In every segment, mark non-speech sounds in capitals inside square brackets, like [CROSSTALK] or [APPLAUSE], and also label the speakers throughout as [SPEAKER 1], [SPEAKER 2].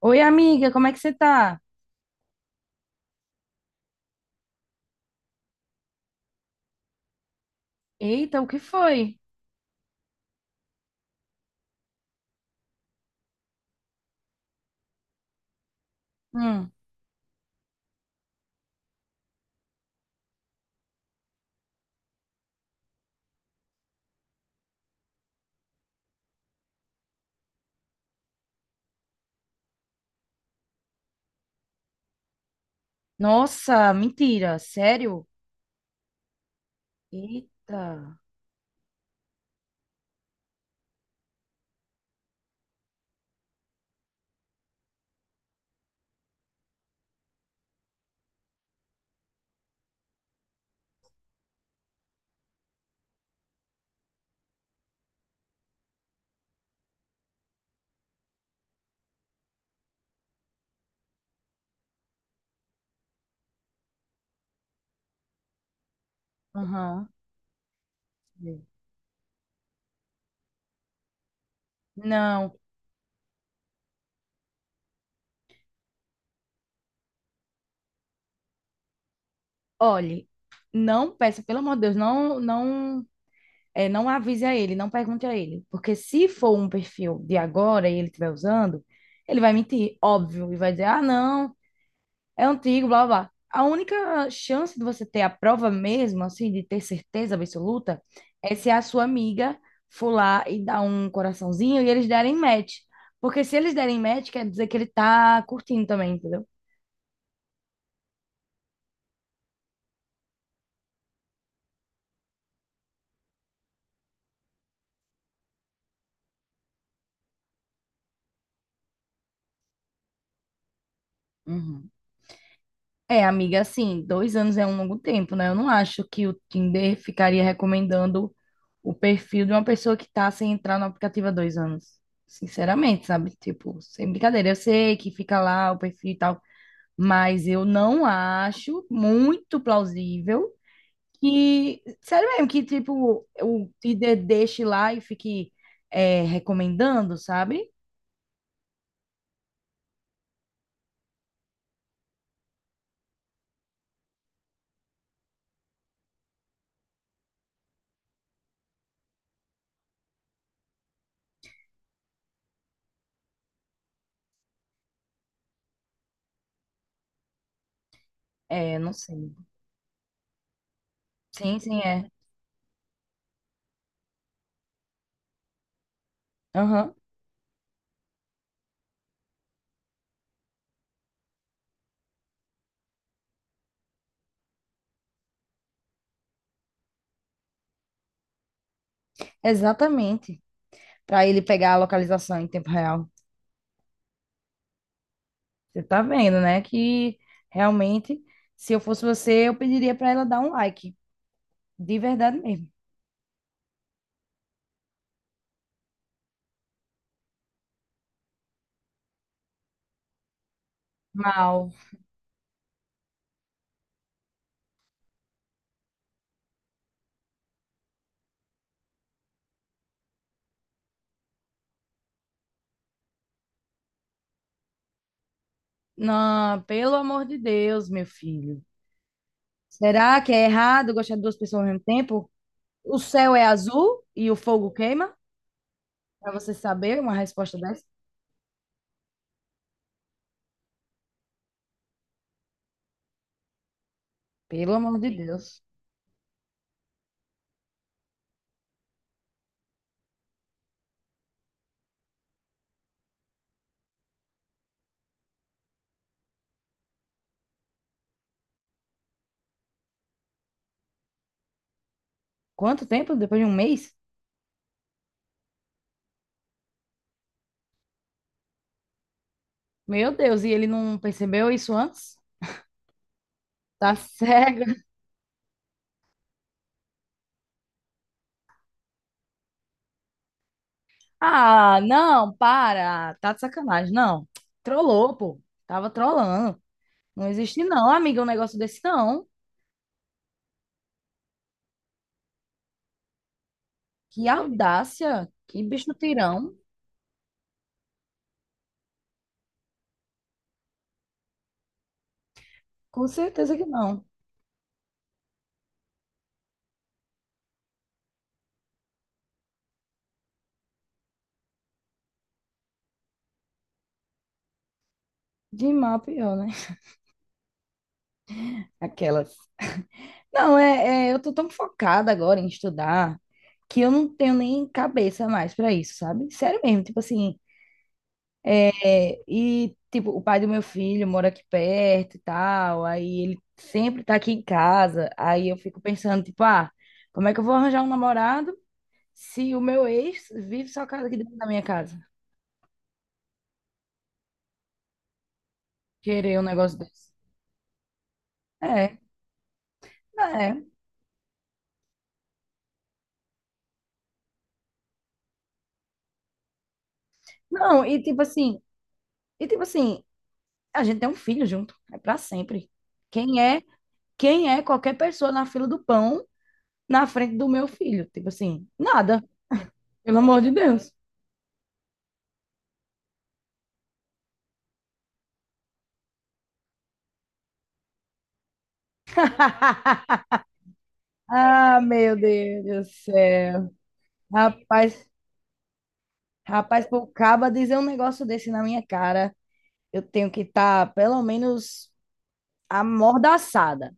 [SPEAKER 1] Oi, amiga, como é que você tá? Eita, o que foi? Hum. Nossa, mentira, sério? Eita. Aham. Não, olhe, não peça, pelo amor de Deus, não, não, não avise a ele, não pergunte a ele, porque se for um perfil de agora e ele estiver usando, ele vai mentir, óbvio, e vai dizer, ah, não, é antigo, blá, blá, blá. A única chance de você ter a prova mesmo, assim, de ter certeza absoluta, é se a sua amiga for lá e dar um coraçãozinho e eles derem match. Porque se eles derem match, quer dizer que ele tá curtindo também, entendeu? Uhum. É, amiga, assim, dois anos é um longo tempo, né? Eu não acho que o Tinder ficaria recomendando o perfil de uma pessoa que tá sem entrar no aplicativo há dois anos. Sinceramente, sabe? Tipo, sem brincadeira. Eu sei que fica lá o perfil e tal, mas eu não acho muito plausível que, sério mesmo, que tipo, o líder deixe lá e fique recomendando, sabe? É, não sei. Sim, sim, é. Aham. Exatamente. Para ele pegar a localização em tempo real. Você tá vendo, né? Que realmente, se eu fosse você, eu pediria para ela dar um like. De verdade mesmo. Mal. Não, pelo amor de Deus, meu filho. Será que é errado gostar de duas pessoas ao mesmo tempo? O céu é azul e o fogo queima? Pra você saber uma resposta dessa? Pelo amor de Deus. Quanto tempo? Depois de um mês? Meu Deus, e ele não percebeu isso antes? Tá cego. [LAUGHS] Ah, não, para. Tá de sacanagem. Não. Trollou, pô. Tava trollando. Não existe, não, amiga, um negócio desse, não. Que audácia. Que bicho tirão. Com certeza que não. De mal, pior, né? [LAUGHS] Aquelas. Não, eu tô tão focada agora em estudar que eu não tenho nem cabeça mais pra isso, sabe? Sério mesmo, tipo assim, é, e tipo, o pai do meu filho mora aqui perto e tal, aí ele sempre tá aqui em casa, aí eu fico pensando, tipo, ah, como é que eu vou arranjar um namorado se o meu ex vive só casa aqui dentro da minha casa? Querer um negócio desse. É, é. Não, e tipo assim, a gente tem um filho junto, é pra sempre. Quem é quem é qualquer pessoa na fila do pão na frente do meu filho? Tipo assim, nada, pelo amor de Deus. [LAUGHS] Ah, meu Deus do céu. Rapaz, rapaz, pro caba dizer um negócio desse na minha cara, eu tenho que estar pelo menos amordaçada.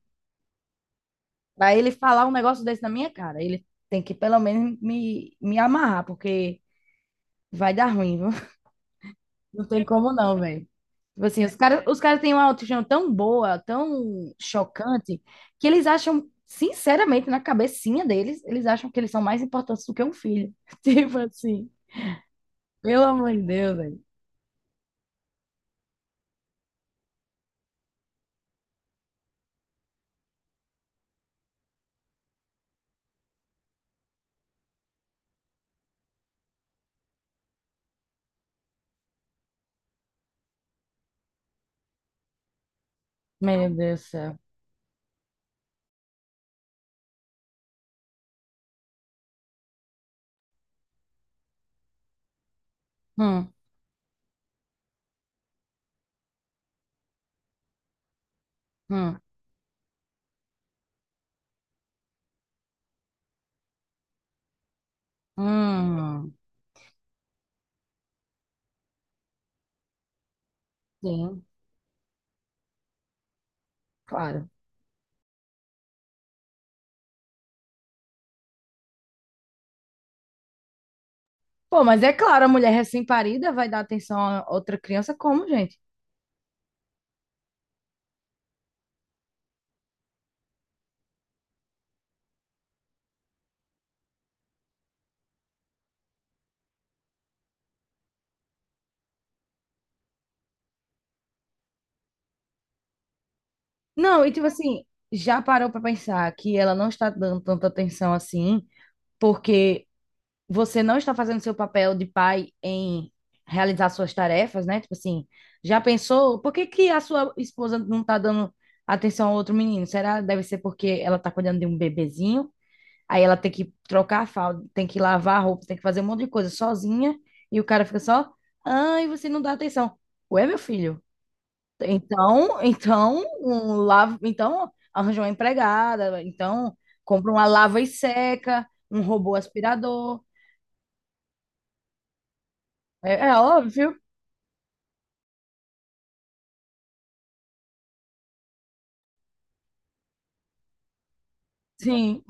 [SPEAKER 1] Pra ele falar um negócio desse na minha cara, ele tem que pelo menos me amarrar, porque vai dar ruim, viu? Não tem como não, velho. Tipo assim, os caras têm uma autoestima tão boa, tão chocante, que eles acham, sinceramente, na cabecinha deles, eles acham que eles são mais importantes do que um filho. [LAUGHS] Tipo assim, pelo amor de Deus, velho. Meu Deus do céu. Hum, hum, hum. Sim, claro. Pô, mas é claro, a mulher recém-parida vai dar atenção a outra criança como, gente? Não, e tipo assim, já parou pra pensar que ela não está dando tanta atenção assim? Porque você não está fazendo seu papel de pai em realizar suas tarefas, né? Tipo assim, já pensou, por que que a sua esposa não está dando atenção ao outro menino? Será deve ser porque ela está cuidando de um bebezinho? Aí ela tem que trocar a fralda, tem que lavar a roupa, tem que fazer um monte de coisa sozinha, e o cara fica só, ai, você não dá atenção. Ué, meu filho, então, então, um lava, então arranja uma empregada, então compra uma lava e seca, um robô aspirador. É, é óbvio. Sim.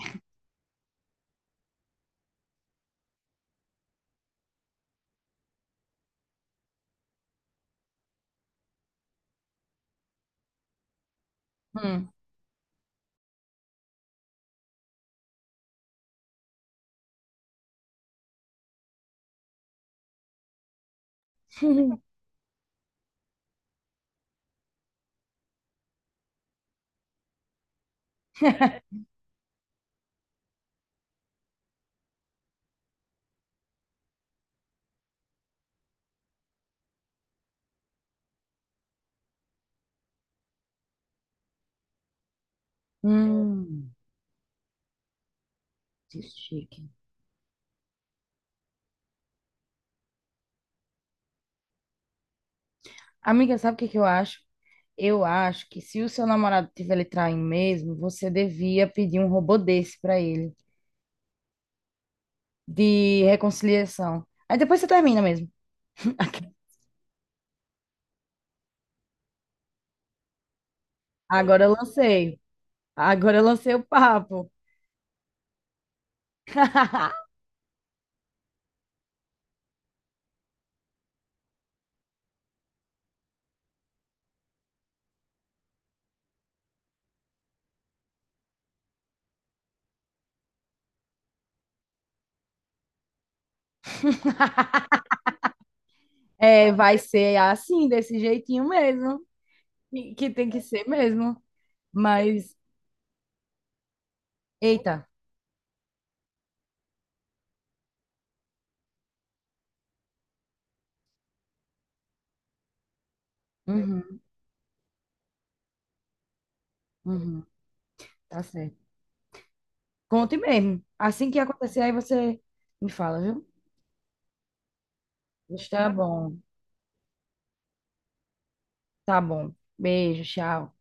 [SPEAKER 1] Hum. [LAUGHS] Hum. Que chique. Amiga, sabe o que que eu acho? Eu acho que se o seu namorado tiver lhe traindo mesmo, você devia pedir um robô desse pra ele, de reconciliação. Aí depois você termina mesmo. [LAUGHS] Agora eu lancei. Agora eu lancei o papo. [LAUGHS] É, vai ser assim, desse jeitinho mesmo. Que tem que ser mesmo. Mas, eita. Uhum, uhum, tá certo. Conte mesmo. Assim que acontecer, aí você me fala, viu? Está bom. Tá bom. Beijo, tchau.